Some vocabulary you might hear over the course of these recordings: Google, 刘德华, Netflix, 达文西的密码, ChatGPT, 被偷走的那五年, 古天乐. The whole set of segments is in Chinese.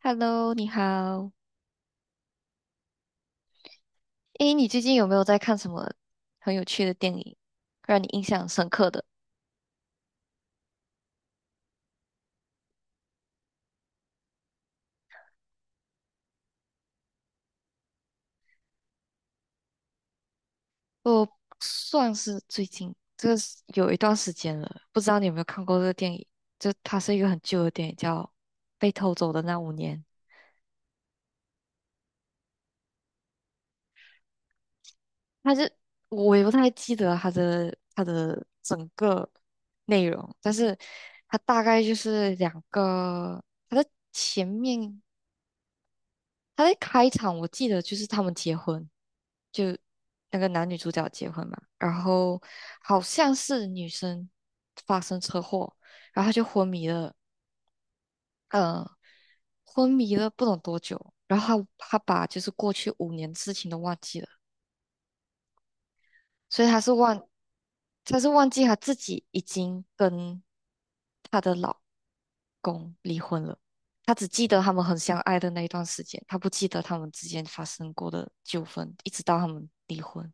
Hello，你好。诶，你最近有没有在看什么很有趣的电影，让你印象深刻的？我算是最近，这个是有一段时间了，不知道你有没有看过这个电影？就它是一个很旧的电影，叫《被偷走的那五年》。它是我也不太记得它的整个内容，但是它大概就是两个，它的前面他在开场，我记得就是他们结婚，就那个男女主角结婚嘛，然后好像是女生发生车祸，然后他就昏迷了，呃，昏迷了不懂多久，然后他把就是过去五年事情都忘记了。所以他是忘记他自己已经跟他的老公离婚了，他只记得他们很相爱的那一段时间，他不记得他们之间发生过的纠纷，一直到他们离婚。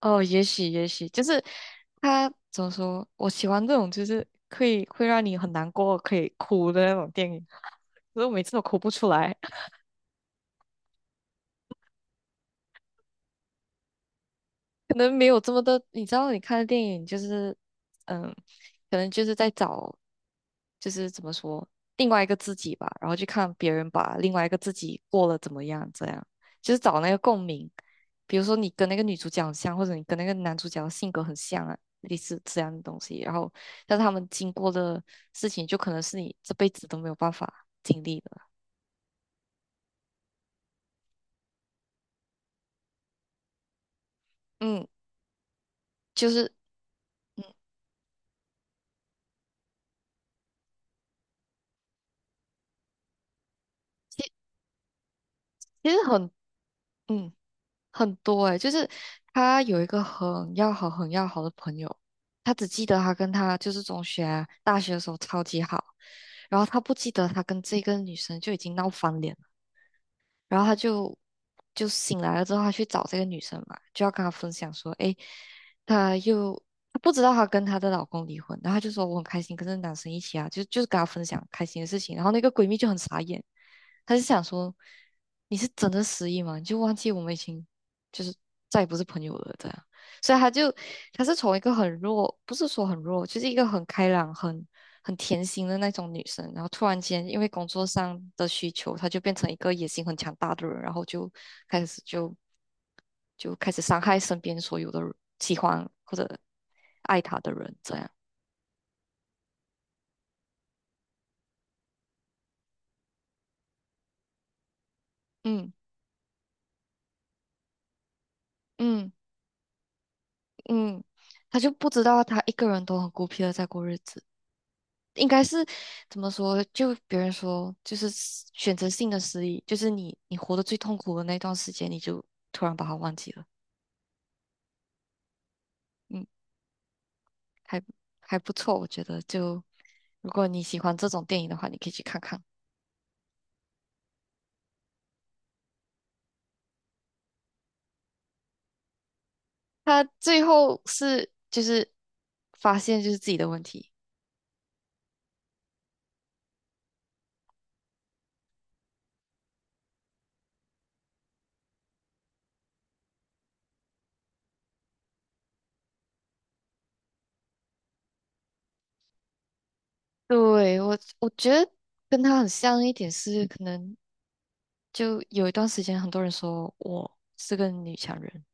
哦，也许,就是他怎么说？我喜欢这种，就是可以会让你很难过，可以哭的那种电影。可是我每次都哭不出来。可能没有这么多，你知道，你看的电影就是，嗯，可能就是在找，就是怎么说，另外一个自己吧，然后去看别人把另外一个自己过了怎么样，这样就是找那个共鸣。比如说你跟那个女主角很像，或者你跟那个男主角性格很像啊，类似这样的东西。然后，但是他们经过的事情，就可能是你这辈子都没有办法经历的。嗯，就是，嗯，其其实很，嗯。很多诶、就是他有一个很要好、很要好的朋友，他只记得他跟他就是中学啊大学的时候超级好，然后他不记得他跟这个女生就已经闹翻脸。然后她就醒来了之后，她去找这个女生嘛，就要跟她分享说，诶，她又他不知道她跟她的老公离婚，然后他就说我很开心跟这个男生一起啊，就是跟她分享开心的事情，然后那个闺蜜就很傻眼，她就想说你是真的失忆吗？你就忘记我们已经就是再也不是朋友了，这样。所以他是从一个很弱，不是说很弱，就是一个很开朗、很甜心的那种女生，然后突然间因为工作上的需求，她就变成一个野心很强大的人，然后就开始就开始伤害身边所有的人喜欢或者爱她的人，这样，嗯嗯嗯，他就不知道他一个人都很孤僻的在过日子。应该是怎么说？就别人说，就是失选择性的失忆，就是你活得最痛苦的那段时间，你就突然把它忘记了。嗯，还还不错，我觉得就如果你喜欢这种电影的话，你可以去看看。他最后是就是发现就是自己的问题。对，我觉得跟他很像一点是，可能就有一段时间很多人说我是个女强人。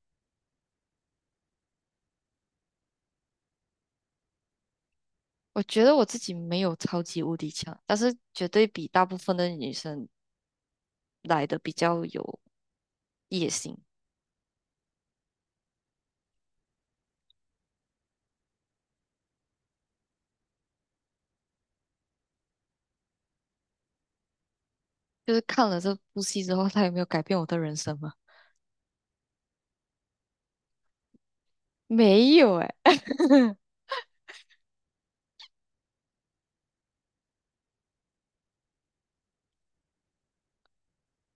我觉得我自己没有超级无敌强，但是绝对比大部分的女生来的比较有野心。就是看了这部戏之后，它有没有改变我的人生吗？没有诶，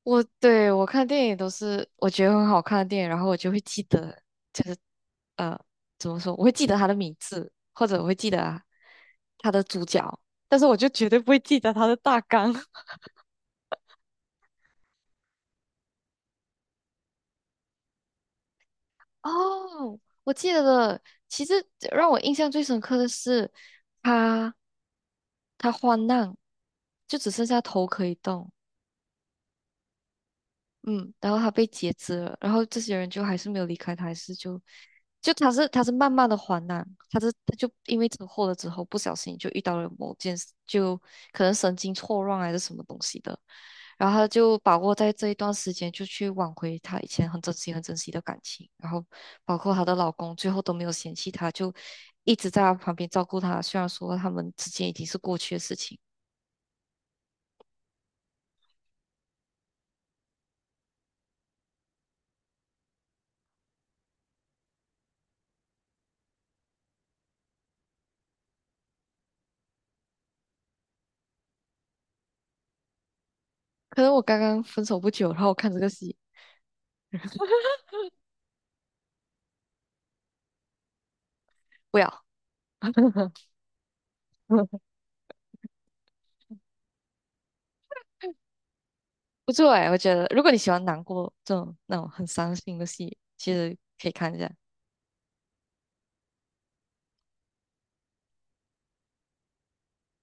我对我看电影都是我觉得很好看的电影，然后我就会记得，就是呃，怎么说？我会记得他的名字，或者我会记得啊他的主角，但是我就绝对不会记得他的大纲。哦，我记得了。其实让我印象最深刻的是，他他患难，就只剩下头可以动，嗯，然后他被截肢了，然后这些人就还是没有离开他，还是就他是慢慢的患难，他就因为车祸了之后，不小心就遇到了某件事，就可能神经错乱还是什么东西的，然后他就把握在这一段时间，就去挽回她以前很珍惜、很珍惜的感情。然后，包括她的老公，最后都没有嫌弃她，就一直在她旁边照顾她。虽然说他们之间已经是过去的事情，可能我刚刚分手不久，然后我看这个戏，不要，不错哎，我觉得如果你喜欢难过这种那种很伤心的戏，其实可以看一下，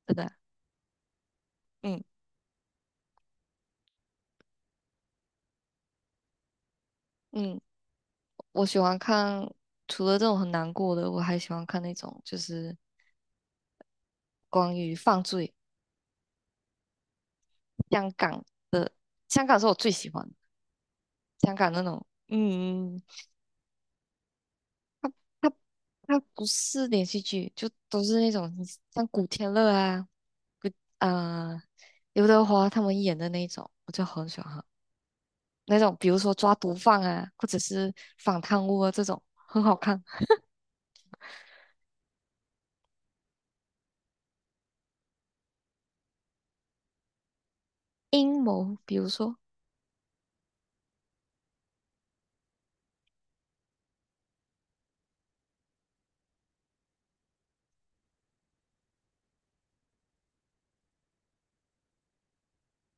真的。嗯嗯，我喜欢看，除了这种很难过的，我还喜欢看那种就是关于犯罪。香港香港是我最喜欢的香港那种，嗯，它它不是连续剧，就都是那种像古天乐啊，古呃刘德华他们演的那种，我就很喜欢看那种，比如说抓毒贩啊，或者是反贪污啊这种，很好看。阴谋，比如说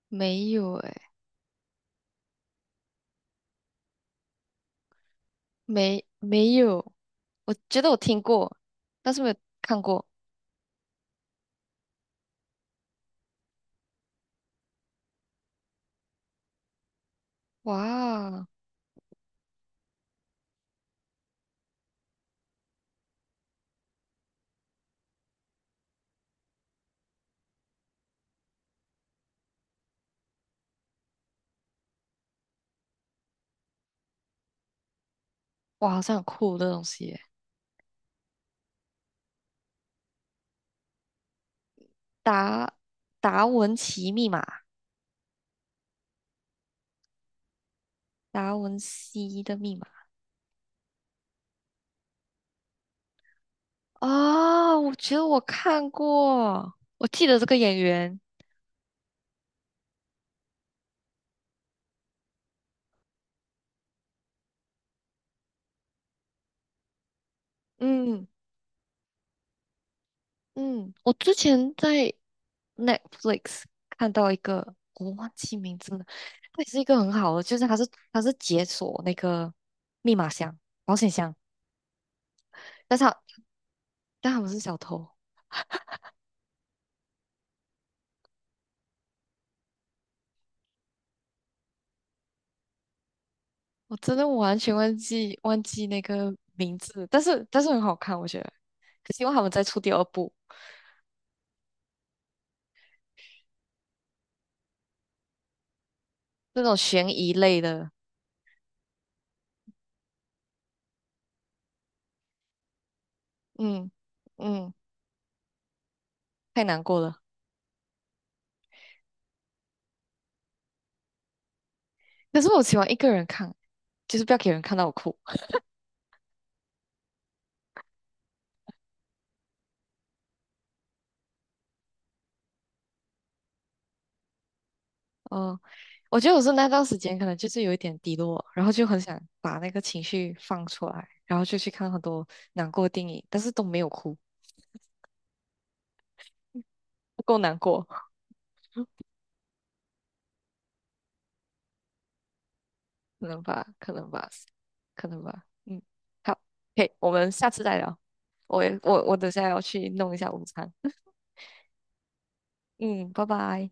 没有诶，没有，我觉得我听过，但是没有看过。哇，哇，好像很酷的东西耶。达达文奇密码，达文西的密码啊，我觉得我看过，我记得这个演员，嗯嗯，我之前在 Netflix 看到一个，我忘记名字了，它也是一个很好的，就是它是解锁那个密码箱、保险箱，但是它但他们是小偷，我真的完全忘记那个名字，但是很好看，我觉得，希望他们再出第二部。那种悬疑类的，嗯嗯，太难过了。可是我喜欢一个人看，就是不要给人看到我哭。嗯，我觉得我是那段时间可能就是有一点低落，然后就很想把那个情绪放出来，然后就去看很多难过的电影，但是都没有哭，不够难过，可能吧，可能吧，可能吧。嗯，好，OK，我们下次再聊。我也我等下要去弄一下午餐。嗯，拜拜。